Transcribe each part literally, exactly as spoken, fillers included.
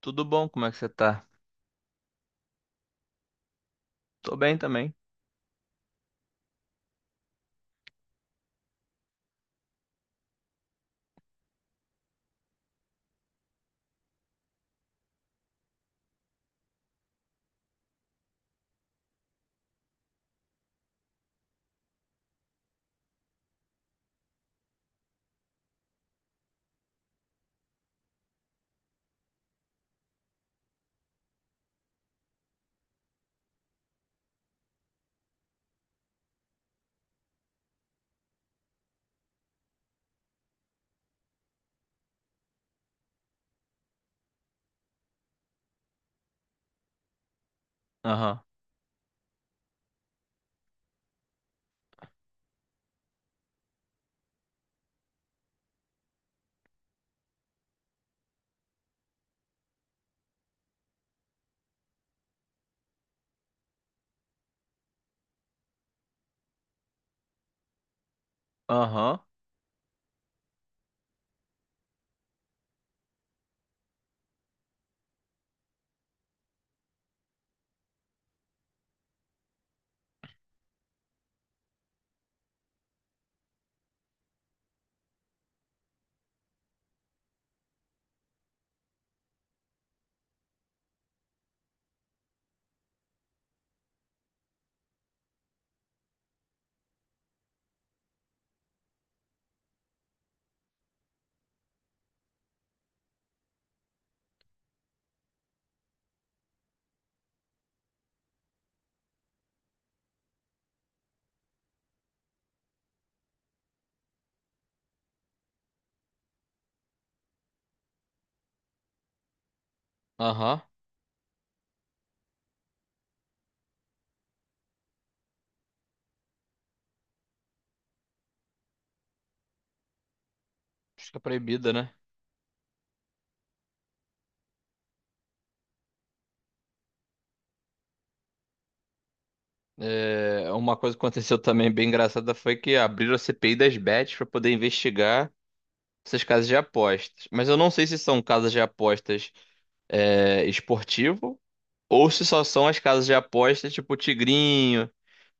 Tudo bom? Como é que você tá? Tô bem também. Aham. Aham. Aham. Acho que é proibida, né? É, uma coisa que aconteceu também bem engraçada foi que abriram a C P I das bets para poder investigar essas casas de apostas. Mas eu não sei se são casas de apostas é, esportivo ou se só são as casas de apostas tipo Tigrinho.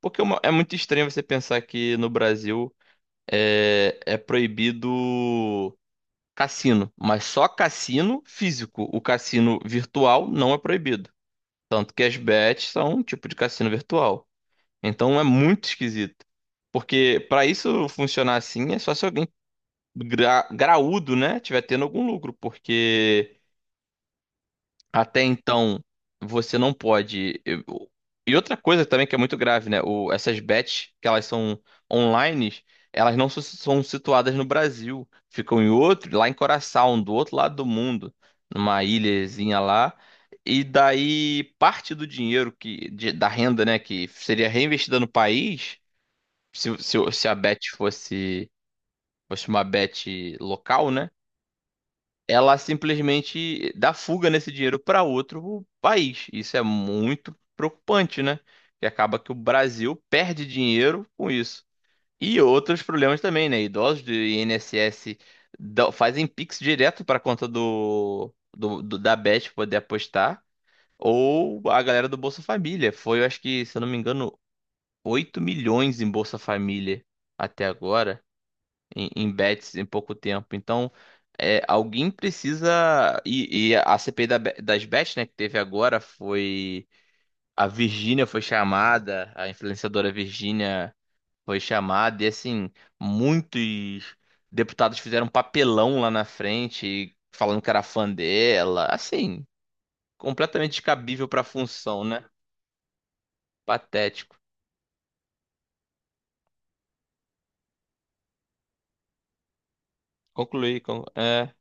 Porque é uma- é muito estranho você pensar que no Brasil é, é proibido. Cassino, mas só cassino físico. O cassino virtual não é proibido. Tanto que as bets são um tipo de cassino virtual. Então é muito esquisito. Porque para isso funcionar assim, é só se alguém gra- graúdo, né, tiver tendo algum lucro. Porque até então, você não pode. eu- E outra coisa também que é muito grave, né? O, essas bets, que elas são online, elas não su- são situadas no Brasil. Ficam em outro, lá em Curaçao, do outro lado do mundo, numa ilhazinha lá. E daí, parte do dinheiro que, de- da renda, né, que seria reinvestida no país, se, se, se a bet fosse, fosse uma bet local, né? Ela simplesmente dá fuga nesse dinheiro para outro país. Isso é muito preocupante, né? Que acaba que o Brasil perde dinheiro com isso. E outros problemas também, né? Idosos do I N S S dão- fazem Pix direto para a conta do, do- do- da Bet poder apostar. Ou a galera do Bolsa Família. Foi, eu acho que, se eu não me engano, oito milhões em Bolsa Família até agora em, em bets em pouco tempo. Então, é, alguém precisa. E, e a C P I da be- das bets, né, que teve agora foi. A Virgínia foi chamada, a influenciadora Virgínia foi chamada, e assim, muitos deputados fizeram um papelão lá na frente, falando que era fã dela. Assim, completamente descabível pra função, né? Patético. Concluí. con- É.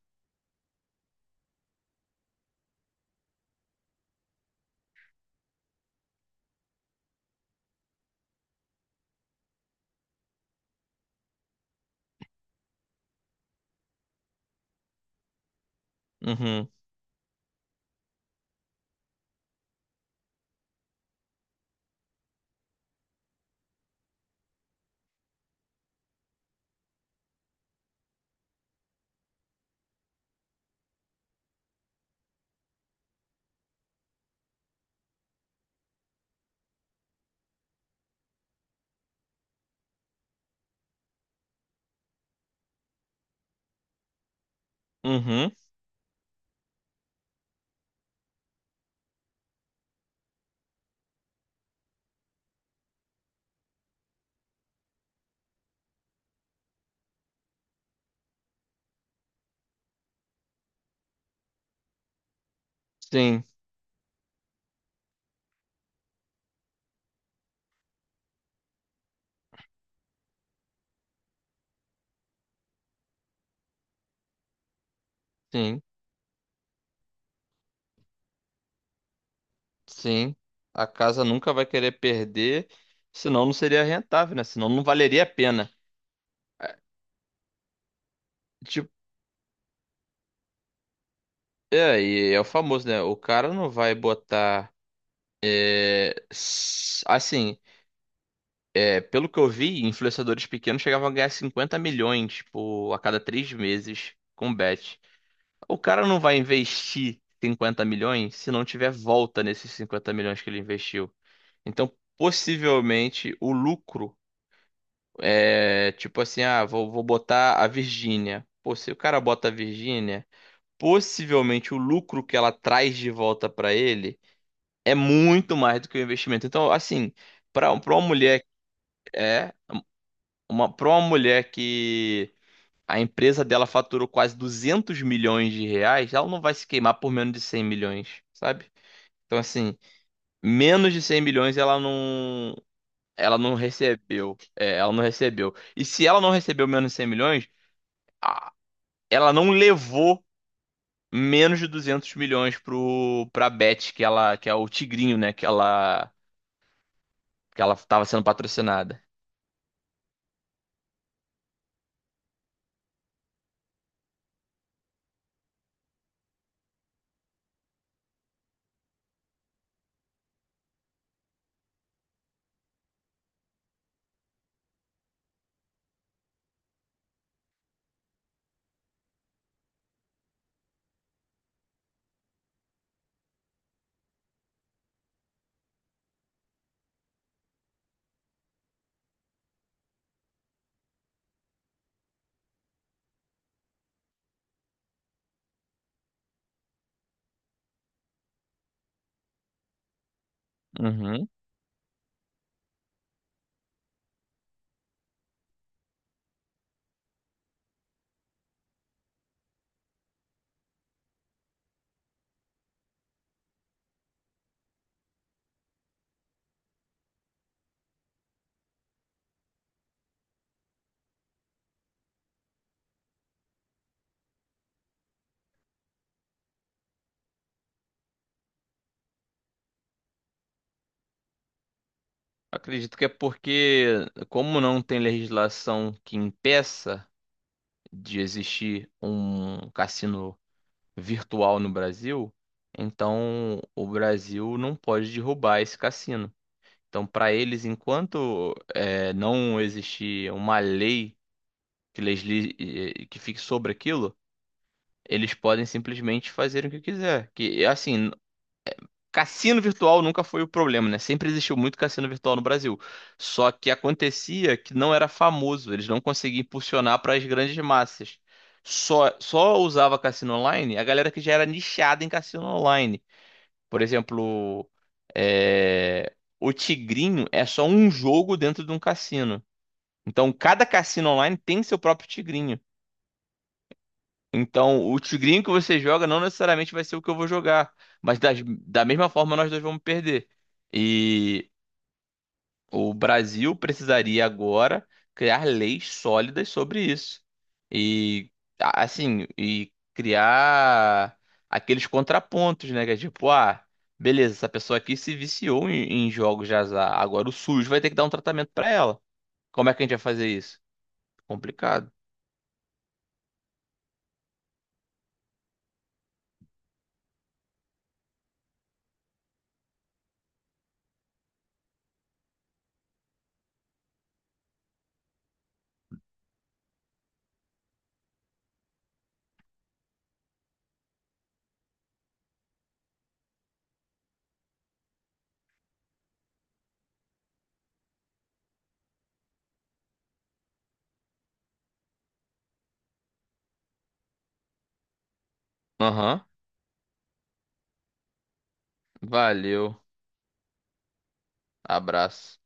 Uhum. Uhum. Sim. Sim. Sim, a casa nunca vai querer perder, senão não seria rentável, né? Senão não valeria a pena. É, Tipo, é, e é o famoso, né? O cara não vai botar. É, s- assim, é, pelo que eu vi, influenciadores pequenos chegavam a ganhar cinquenta milhões, tipo, a cada três meses com bet. O cara não vai investir cinquenta milhões se não tiver volta nesses cinquenta milhões que ele investiu. Então, possivelmente, o lucro. É, tipo assim, ah, vou, vou botar a Virgínia. Pô, se o cara bota a Virgínia, possivelmente o lucro que ela traz de volta pra ele é muito mais do que o investimento. Então, assim, pra para uma mulher é uma para uma mulher que a empresa dela faturou quase duzentos milhões de reais, ela não vai se queimar por menos de cem milhões, sabe? Então, assim, menos de cem milhões ela não ela não recebeu. É, ela não recebeu. E se ela não recebeu menos de cem milhões ela não levou menos de duzentos milhões pro, pra Bet, que ela, que é o Tigrinho, né? Que ela, que ela tava sendo patrocinada. Uhum. Acredito que é porque, como não tem legislação que impeça de existir um cassino virtual no Brasil, então o Brasil não pode derrubar esse cassino. Então, para eles, enquanto eh, não existir uma lei que, legisle eh, que fique sobre aquilo, eles podem simplesmente fazer o que quiser. Que assim, cassino virtual nunca foi o problema, né? Sempre existiu muito cassino virtual no Brasil. Só que acontecia que não era famoso, eles não conseguiam impulsionar para as grandes massas. Só só usava cassino online a galera que já era nichada em cassino online. Por exemplo, é, o Tigrinho é só um jogo dentro de um cassino. Então, cada cassino online tem seu próprio Tigrinho. Então, o tigrinho que você joga não necessariamente vai ser o que eu vou jogar, mas das- da mesma forma nós dois vamos perder. E o Brasil precisaria agora criar leis sólidas sobre isso. E a- assim, e criar aqueles contrapontos, né, que é tipo, ah, beleza, essa pessoa aqui se viciou em, em jogos de azar, agora o SUS vai ter que dar um tratamento pra ela. Como é que a gente vai fazer isso? Complicado. Aham. Valeu. Abraço.